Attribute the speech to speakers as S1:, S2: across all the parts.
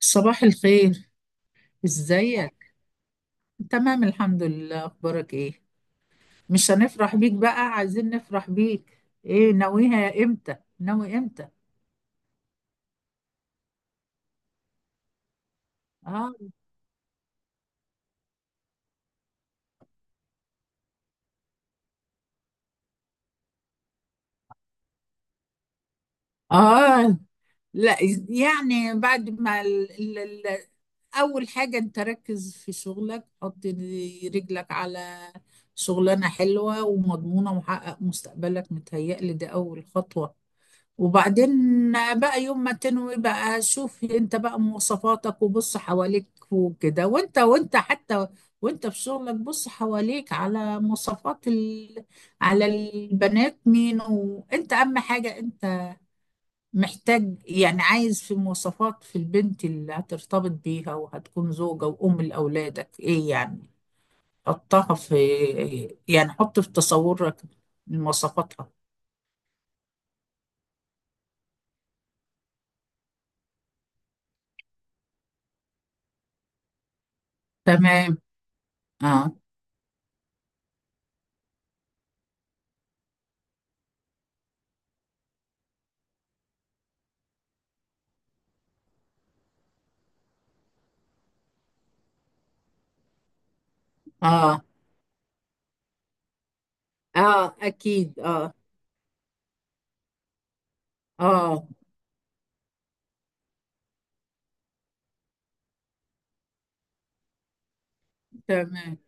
S1: صباح الخير. ازيك؟ تمام، الحمد لله. اخبارك ايه؟ مش هنفرح بيك بقى؟ عايزين نفرح بيك. ايه، ناويها امتى؟ ناوي امتى؟ اه. اه. لا، يعني بعد ما ال... ال... اول حاجة، انت ركز في شغلك، حط رجلك على شغلانة حلوة ومضمونة ومحقق مستقبلك، متهيألي ده اول خطوة. وبعدين بقى يوم ما تنوي بقى، شوف انت بقى مواصفاتك وبص حواليك وكده، وانت حتى وانت في شغلك، بص حواليك على مواصفات على البنات. مين وانت، اهم حاجة انت محتاج يعني عايز في مواصفات في البنت اللي هترتبط بيها وهتكون زوجة وأم لأولادك، ايه يعني؟ حطها في إيه، يعني حط في تصورك مواصفاتها. تمام. اه. اه. اه، اكيد. اه. اه، تمام.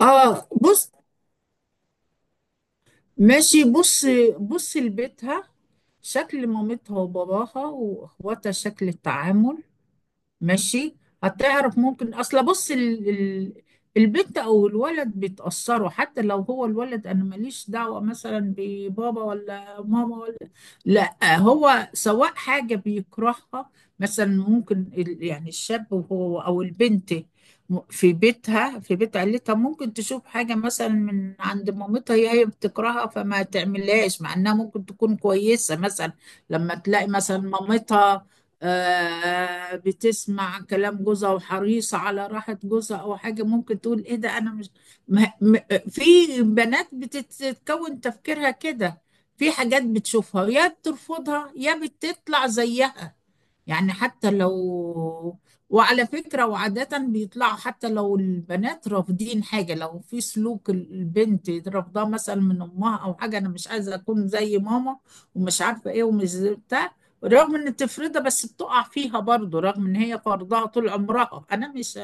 S1: اه، بص. ماشي، بص. بص لبيتها، شكل مامتها وباباها واخواتها، شكل التعامل. ماشي، هتعرف. ممكن اصل بص البنت او الولد بيتأثروا، حتى لو هو الولد انا ماليش دعوة مثلا ببابا ولا ماما ولا، لا هو سواء حاجة بيكرهها. مثلا ممكن يعني الشاب، وهو او البنت في بيتها في بيت عيلتها، ممكن تشوف حاجة مثلا من عند مامتها، هي بتكرهها فما تعملهاش، مع انها ممكن تكون كويسة مثلا. لما تلاقي مثلا مامتها بتسمع كلام جوزها وحريصة على راحة جوزها، أو حاجة ممكن تقول إيه ده، أنا مش ما م... في بنات بتتكون تفكيرها كده، في حاجات بتشوفها يا بترفضها يا بتطلع زيها. يعني حتى لو، وعلى فكرة وعادة بيطلعوا حتى لو البنات رافضين حاجة. لو في سلوك البنت رافضاه مثلا من أمها، أو حاجة أنا مش عايزة أكون زي ماما ومش عارفة إيه ومش زي بتاع، رغم إن تفرضها بس بتقع فيها برضه، رغم إن هي فرضها طول عمرها أنا مش،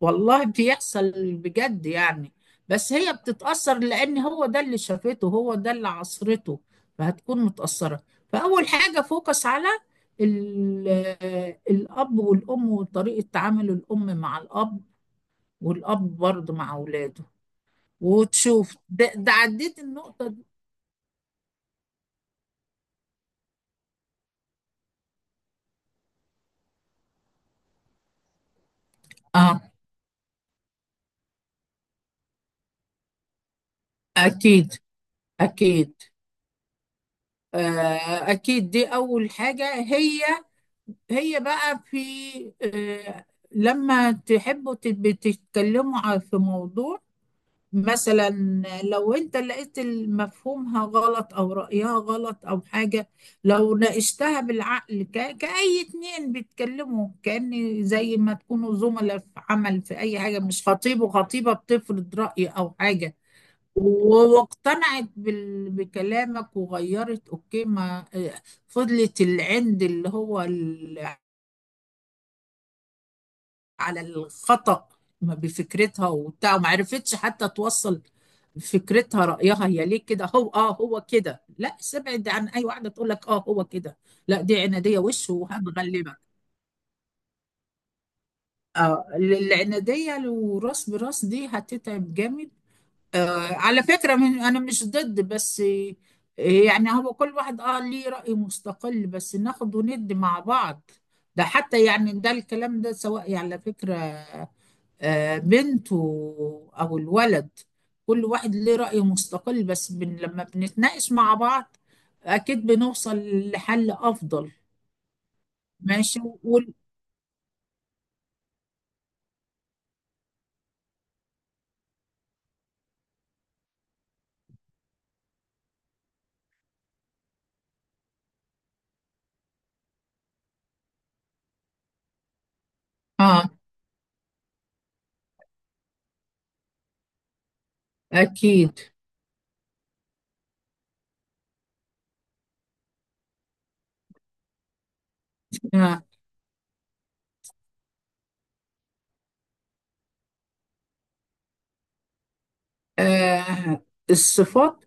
S1: والله بيحصل بجد يعني. بس هي بتتأثر لأن هو ده اللي شافته، هو ده اللي عصرته، فهتكون متأثرة. فأول حاجة فوكس على ال- الأب والأم وطريقة تعامل الأم مع الأب، والأب برضه مع أولاده، وتشوف ده، ده عديت النقطة دي. آه، أكيد، أكيد. آه، أكيد، دي أول حاجة. هي هي بقى في آه، لما تحبوا تتكلموا في موضوع مثلا، لو انت لقيت مفهومها غلط او رأيها غلط او حاجة، لو ناقشتها بالعقل كأي اتنين بيتكلموا، كأن زي ما تكونوا زملاء في عمل في اي حاجة، مش خطيب وخطيبة بتفرض رأي او حاجة، واقتنعت بكلامك وغيرت، اوكي. ما فضلت العند اللي هو على الخطأ، ما بفكرتها وبتاع، وما عرفتش حتى توصل فكرتها رأيها هي ليه كده، هو اه هو كده. لا، سبعد عن اي واحدة تقول لك اه هو كده، لا، دي عنادية وش وهتغلبك. اه، العنادية لو راس براس دي هتتعب جامد. آه على فكرة، من انا مش ضد، بس يعني هو كل واحد اه ليه رأي مستقل، بس ناخد وند مع بعض. ده حتى يعني ده الكلام ده سواء يعني على فكرة بنته او الولد، كل واحد ليه رأي مستقل، بس بن لما بنتناقش مع بعض اكيد بنوصل لحل افضل. ماشي اه اكيد. آه. آه، الصفات.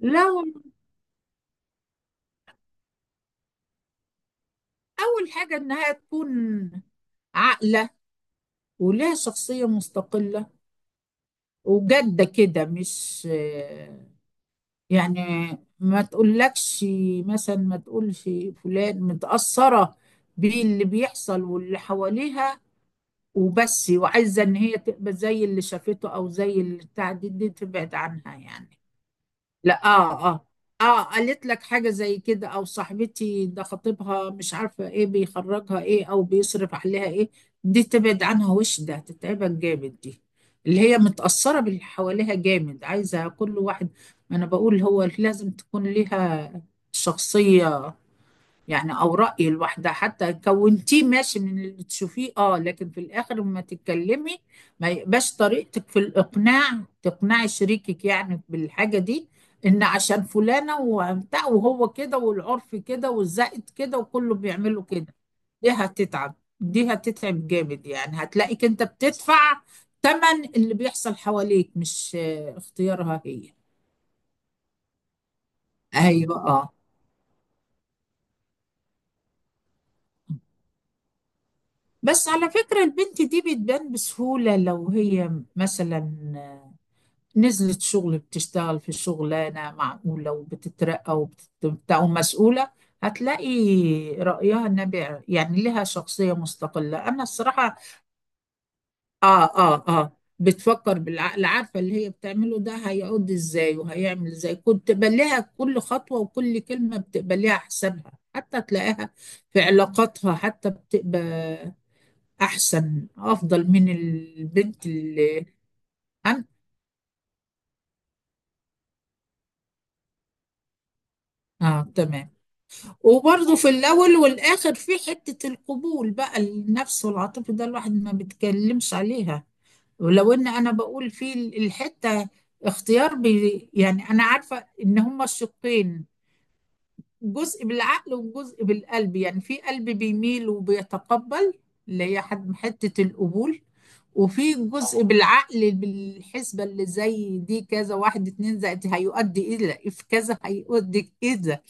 S1: لو اول حاجة انها تكون عاقلة ولها شخصية مستقلة وجادة كده، مش يعني، ما تقولكش مثلا، ما تقولش فلان متأثرة باللي بيحصل واللي حواليها وبس، وعايزة ان هي تبقى زي اللي شافته او زي اللي بتاع، دي تبعد عنها يعني. لا اه، اه اه قالت لك حاجة زي كده، او صاحبتي ده خطيبها مش عارفة ايه، بيخرجها ايه او بيصرف عليها ايه. دي تبعد عنها وش، ده هتتعبك جامد دي، اللي هي متأثرة باللي حواليها جامد، عايزة كل واحد. ما انا بقول هو لازم تكون ليها شخصية، يعني او رايي الواحده حتى كونتيه ماشي من اللي تشوفيه اه، لكن في الاخر لما تتكلمي ما يبقاش طريقتك في الاقناع تقنعي شريكك يعني بالحاجه دي، ان عشان فلانه وبتاع وهو كده والعرف كده والزائد كده وكله بيعملوا كده. دي دي هتتعب جامد، يعني هتلاقيك انت بتدفع تمن اللي بيحصل حواليك، مش اختيارها هي. ايوه، بس على فكرة البنت دي بتبان بسهولة. لو هي مثلا نزلت شغل بتشتغل في شغلانة معقولة وبتترقى وبتبقى ومسؤولة، هتلاقي رأيها النابع، يعني لها شخصية مستقلة، أنا الصراحة. آه، آه، آه. بتفكر بالعقل، عارفة اللي هي بتعمله ده هيعود إزاي وهيعمل إزاي، كنت بليها كل خطوة وكل كلمة بتقبليها حسابها، حتى تلاقيها في علاقاتها حتى بتبقى احسن افضل من البنت اللي، أنا. اه تمام. وبرضه في الاول والاخر في حته القبول بقى، النفس والعاطفه، ده الواحد ما بيتكلمش عليها. ولو ان انا بقول في الحته اختيار بي، يعني انا عارفه ان هما الشقين، جزء بالعقل وجزء بالقلب، يعني في قلب بيميل وبيتقبل، اللي هي حد حتة القبول، وفي جزء بالعقل بالحسبة اللي زي دي، كذا واحد اتنين زائد هيؤدي إلى في كذا هيؤدي كذا،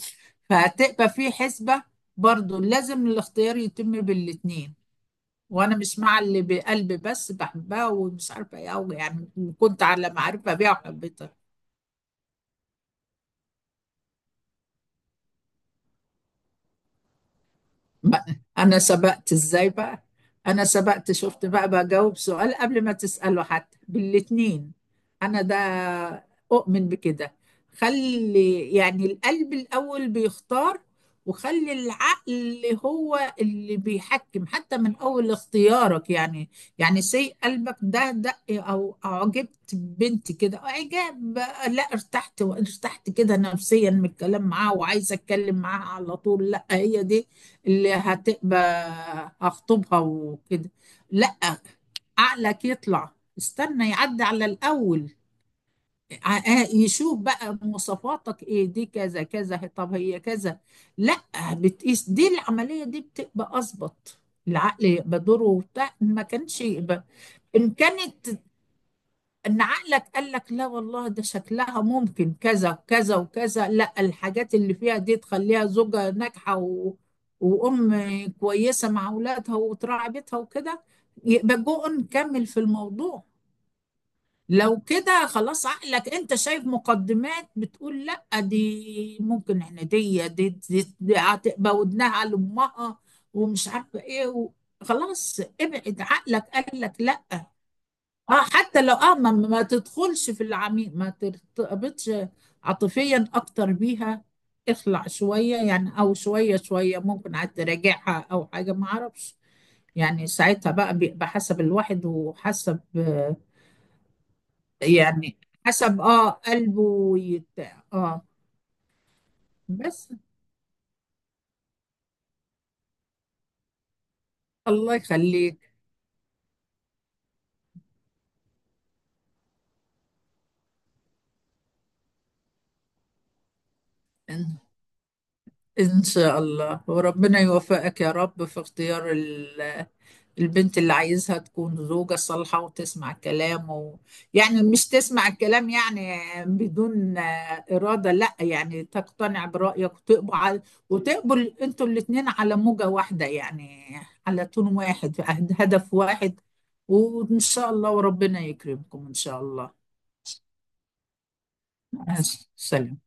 S1: فهتبقى في حسبة. برضو لازم الاختيار يتم بالاتنين، وانا مش مع اللي بقلب بس، بحبها ومش عارفه ايه أوي يعني، كنت على معرفه بيها وحبيتها. بقى انا سبقت ازاي بقى، انا سبقت شفت بقى بجاوب سؤال قبل ما تسأله، حتى بالاتنين. انا ده اؤمن بكده، خلي يعني القلب الاول بيختار، وخلي العقل هو اللي بيحكم حتى من اول اختيارك يعني. يعني سي قلبك ده دق او اعجبت بنت كده اعجاب، لا ارتحت وارتحت كده نفسيا من الكلام معاها وعايزه اتكلم معاها على طول، لا هي دي اللي هتبقى، هخطبها وكده، لا، عقلك يطلع، استنى يعدي على الأول يشوف بقى مواصفاتك ايه، دي كذا كذا، طب هي كذا، لا، بتقيس. دي العملية دي بتبقى أظبط. العقل يبقى دوره وبتاع ما كانش يبقى، إن كانت ان عقلك قال لك لا والله، ده شكلها ممكن كذا كذا وكذا، لا الحاجات اللي فيها دي تخليها زوجة ناجحة و... وأم كويسة مع أولادها وتراعي بيتها وكده، يبقى جو نكمل في الموضوع. لو كده خلاص، عقلك انت شايف مقدمات بتقول لا، دي ممكن احنا دي هتبقى ودنها لأمها ومش عارفة ايه و... خلاص ابعد، عقلك قال لك لا. اه حتى لو اه، ما تدخلش في العميق، ما ترتبطش عاطفيا اكتر بيها، اخلع شوية يعني، او شوية شوية ممكن عاد تراجعها او حاجة ما اعرفش. يعني ساعتها بقى بيبقى حسب الواحد وحسب يعني حسب اه قلبه ويتاع اه. بس، الله يخليك. ان إن شاء الله وربنا يوفقك يا رب في اختيار ال البنت اللي عايزها تكون زوجة صالحة وتسمع الكلام و... يعني مش تسمع الكلام يعني بدون إرادة، لا يعني تقتنع برأيك وتقبل، وتقبل انتوا الاتنين على موجة واحدة يعني، على تون واحد عند هدف واحد. وإن شاء الله وربنا يكرمكم إن شاء الله. آه، سلام.